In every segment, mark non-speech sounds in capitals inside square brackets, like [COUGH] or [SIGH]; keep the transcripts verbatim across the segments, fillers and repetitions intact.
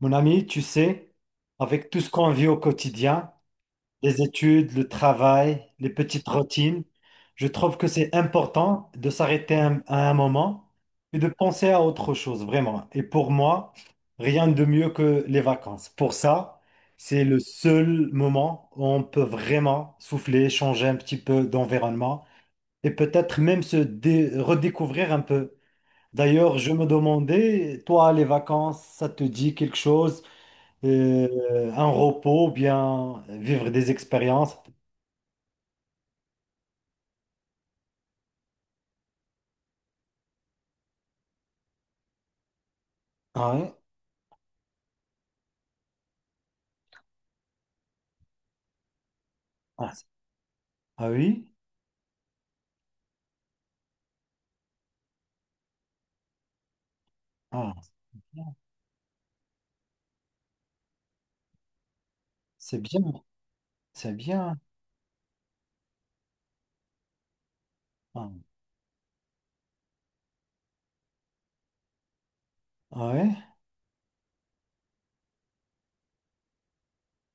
Mon ami, tu sais, avec tout ce qu'on vit au quotidien, les études, le travail, les petites routines, je trouve que c'est important de s'arrêter un- à un moment et de penser à autre chose, vraiment. Et pour moi, rien de mieux que les vacances. Pour ça, c'est le seul moment où on peut vraiment souffler, changer un petit peu d'environnement et peut-être même se dé- redécouvrir un peu. D'ailleurs, je me demandais, toi, les vacances, ça te dit quelque chose? Euh, un repos, ou bien vivre des expériences. Ah, ouais. Ah, c'est- ah oui? Ah, c'est bien, c'est bien. Ah, ah ouais,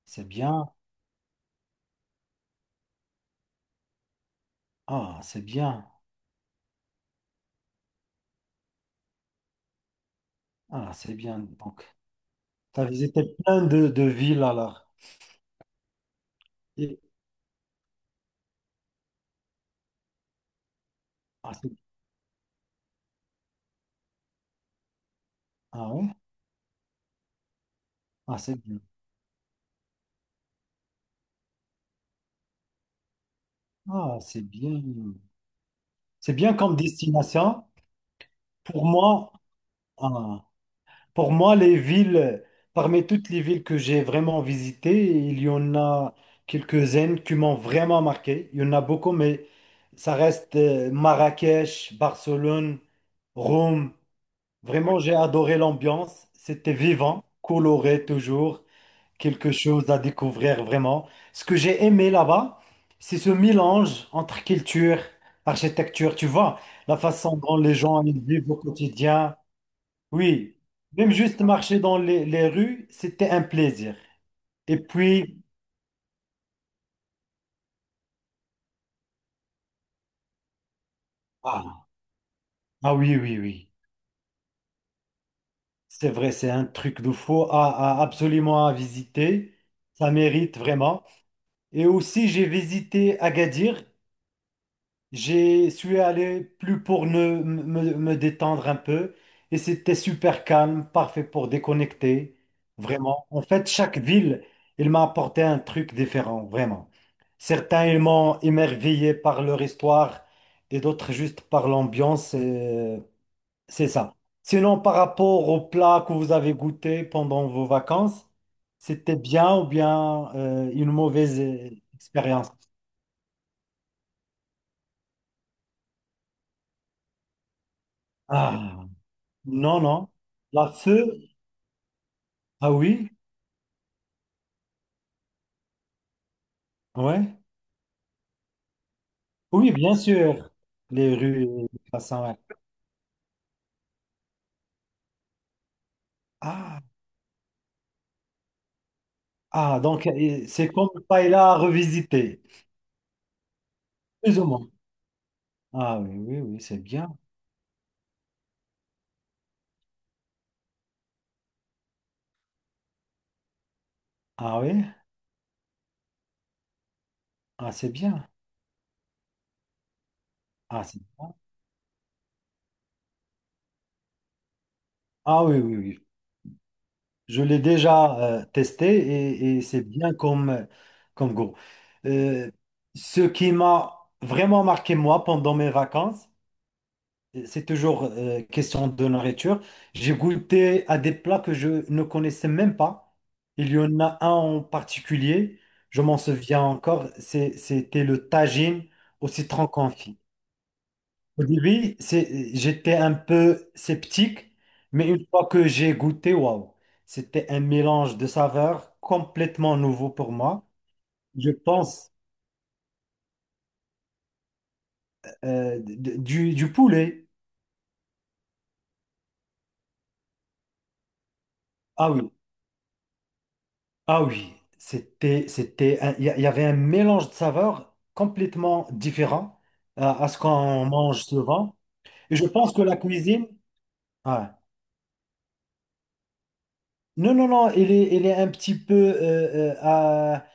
c'est bien. Ah, c'est bien. Ah, c'est bien. Donc, tu as visité plein de, de villes alors. Et- ah, c'est- ah ouais? Ah, c'est bien. Ah, c'est bien. C'est bien comme destination. Pour moi, ah, pour moi, les villes, parmi toutes les villes que j'ai vraiment visitées, il y en a quelques-unes qui m'ont vraiment marqué. Il y en a beaucoup, mais ça reste euh, Marrakech, Barcelone, Rome. Vraiment, j'ai adoré l'ambiance. C'était vivant, coloré toujours, quelque chose à découvrir vraiment. Ce que j'ai aimé là-bas, c'est ce mélange entre culture, architecture, tu vois, la façon dont les gens ils vivent au quotidien. Oui, même juste marcher dans les, les rues, c'était un plaisir. Et puis, ah, ah oui, oui, oui, c'est vrai, c'est un truc de fou à, à- absolument à visiter. Ça mérite vraiment. Et aussi, j'ai visité Agadir. J'ai suis allé plus pour ne- me, me détendre un peu et c'était super calme, parfait pour déconnecter, vraiment. En fait, chaque ville, elle m'a apporté un truc différent, vraiment. Certains, ils m'ont émerveillé par leur histoire et d'autres juste par l'ambiance, euh, c'est ça. Sinon, par rapport aux plats que vous avez goûtés pendant vos vacances, c'était bien ou bien euh, une mauvaise euh, expérience? Ah, non, non. La feu, ah oui, ouais. Oui, bien sûr. Les rues de Hassan, ouais. Ah, ah, donc euh, c'est comme Paella revisité, plus ou moins. Ah oui, oui, oui, c'est bien. Ah oui, ah, c'est bien. Ah, c'est bien. Ah oui, oui, oui. Je l'ai déjà euh, testé et, et c'est bien comme, comme goût. Euh, Ce qui m'a vraiment marqué, moi, pendant mes vacances, c'est toujours euh, question de nourriture. J'ai goûté à des plats que je ne connaissais même pas. Il y en a un en particulier, je m'en souviens encore, c'est- c'était le tagine au citron confit. Au début, c'est- j'étais un peu sceptique, mais une fois que j'ai goûté, waouh, c'était un mélange de saveurs complètement nouveau pour moi. Je pense euh, d- d- du, du poulet. Ah oui, ah oui, c'était, c'était, un- il y, a- il y avait un mélange de saveurs complètement différent euh, à ce qu'on mange souvent. Et je pense que la cuisine, ouais. Non, non, non, il est, il est un petit peu, euh, euh, à-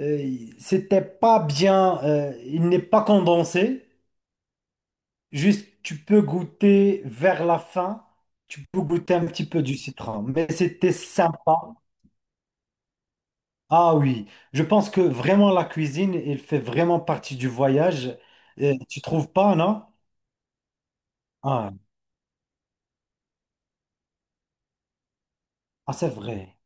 euh, c'était pas bien, euh, il n'est pas condensé. Juste, tu peux goûter vers la fin, tu peux goûter un petit peu du citron, mais c'était sympa. Ah oui, je pense que vraiment la cuisine, elle fait vraiment partie du voyage. Euh, tu trouves pas, non? Ah, ah, c'est vrai.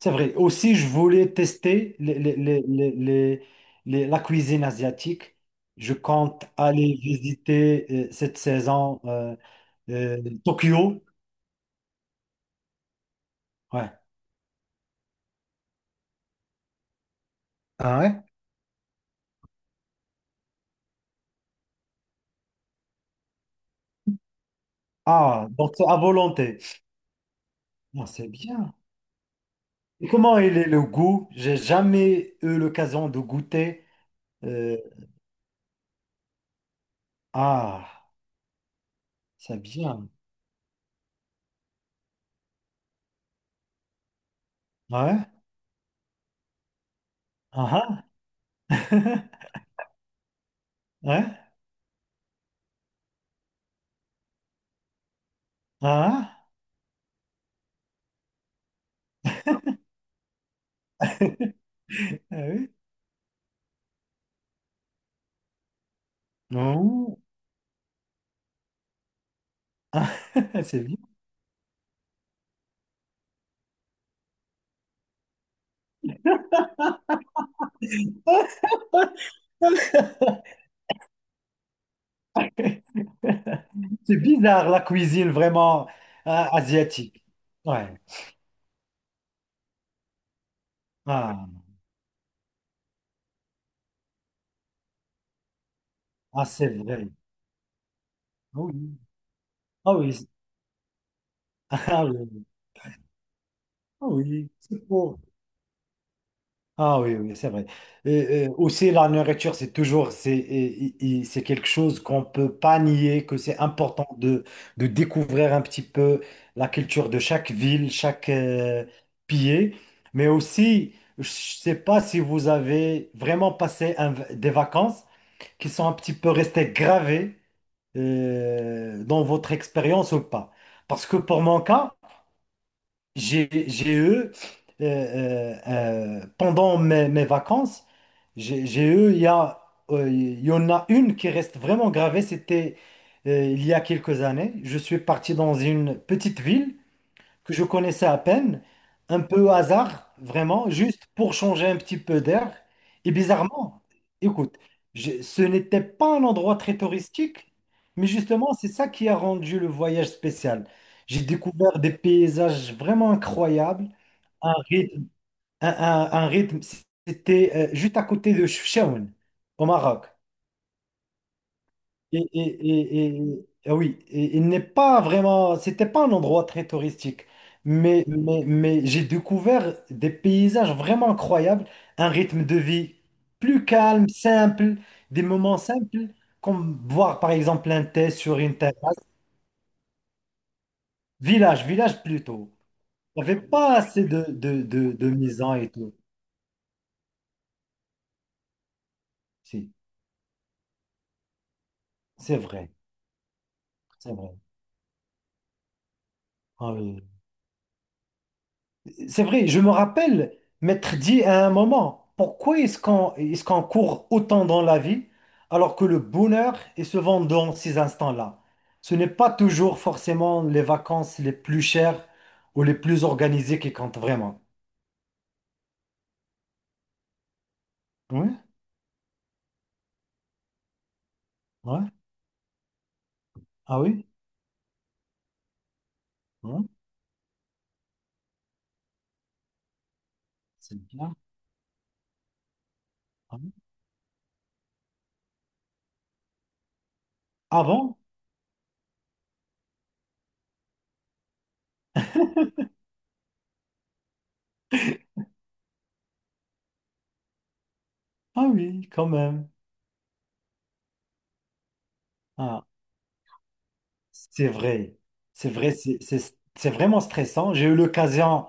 C'est vrai. Aussi, je voulais tester les- les- les- les- les- les- la cuisine asiatique. Je compte aller visiter euh, cette saison euh, euh, Tokyo. Ouais. Ah ouais? Ah, donc c'est à volonté. Ah, c'est bien. Et comment il est le goût? J'ai jamais eu l'occasion de goûter. Euh, ah, c'est bien. Ouais. Ah ah. [LAUGHS] Ouais. Ah ah. Ah oui. Non. Ah, [LAUGHS] c'est bien. [LAUGHS] C'est bizarre la cuisine vraiment euh, asiatique. Ouais. Ah, ah, c'est vrai. Ah oui. Ah oui. [LAUGHS] Ah oui. Ah oui. C'est pour- Ah oui, oui, c'est vrai. Et, euh, aussi, la nourriture, c'est toujours, c'est, et- et- c'est quelque chose qu'on peut pas nier, que c'est important de, de découvrir un petit peu la culture de chaque ville, chaque euh, pays. Mais aussi, je sais pas si vous avez vraiment passé un- des vacances qui sont un petit peu restées gravées euh, dans votre expérience ou pas. Parce que pour mon cas, j'ai j'ai eu, euh, euh, euh, pendant mes, mes vacances, j'ai j'ai eu, il y a, euh, il y en a une qui reste vraiment gravée, c'était euh, il y a quelques années. Je suis parti dans une petite ville que je connaissais à peine, un peu au hasard, vraiment, juste pour changer un petit peu d'air. Et bizarrement, écoute, je- ce n'était pas un endroit très touristique, mais justement, c'est ça qui a rendu le voyage spécial. J'ai découvert des paysages vraiment incroyables, un rythme, un, un- un rythme, c'était euh, juste à côté de Chefchaouen, au Maroc. Et, et- et- et- ah oui, et il n'est pas vraiment, c'était pas un endroit très touristique, mais, mais, mais j'ai découvert des paysages vraiment incroyables, un rythme de vie plus calme, simple, des moments simples, comme boire par exemple un thé sur une terrasse, village, village plutôt. Il n'y avait pas assez de, de, de, de mise en et tout. Si, c'est vrai, c'est vrai. Ah oui. C'est vrai, je me rappelle m'être dit à un moment, pourquoi est-ce qu'on est-ce qu'on court autant dans la vie alors que le bonheur est souvent dans ces instants-là? Ce n'est pas toujours forcément les vacances les plus chères ou les plus organisées qui comptent vraiment. Oui, ouais. Ah oui, ouais, c'est bien. Ah oui. Ah bon? Ah oui, quand même. Ah, c'est vrai. C'est vrai, c'est c'est- c'est vraiment stressant. J'ai eu l'occasion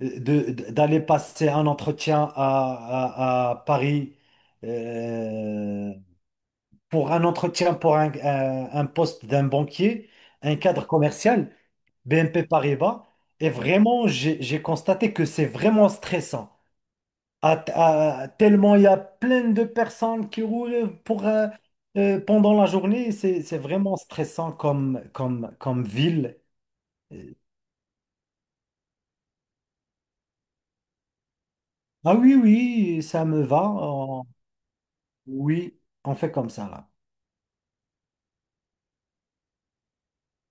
de- d'aller passer un entretien à, à- à Paris euh, pour un entretien pour un, un- un poste d'un banquier, un cadre commercial, B N P Paribas. Et vraiment, j'ai j'ai constaté que c'est vraiment stressant. À- à- Tellement il y a plein de personnes qui roulent pour, euh, euh, pendant la journée. C'est c'est vraiment stressant comme, comme, comme ville. Euh, Ah oui, oui, ça me va. On- oui, on fait comme ça là.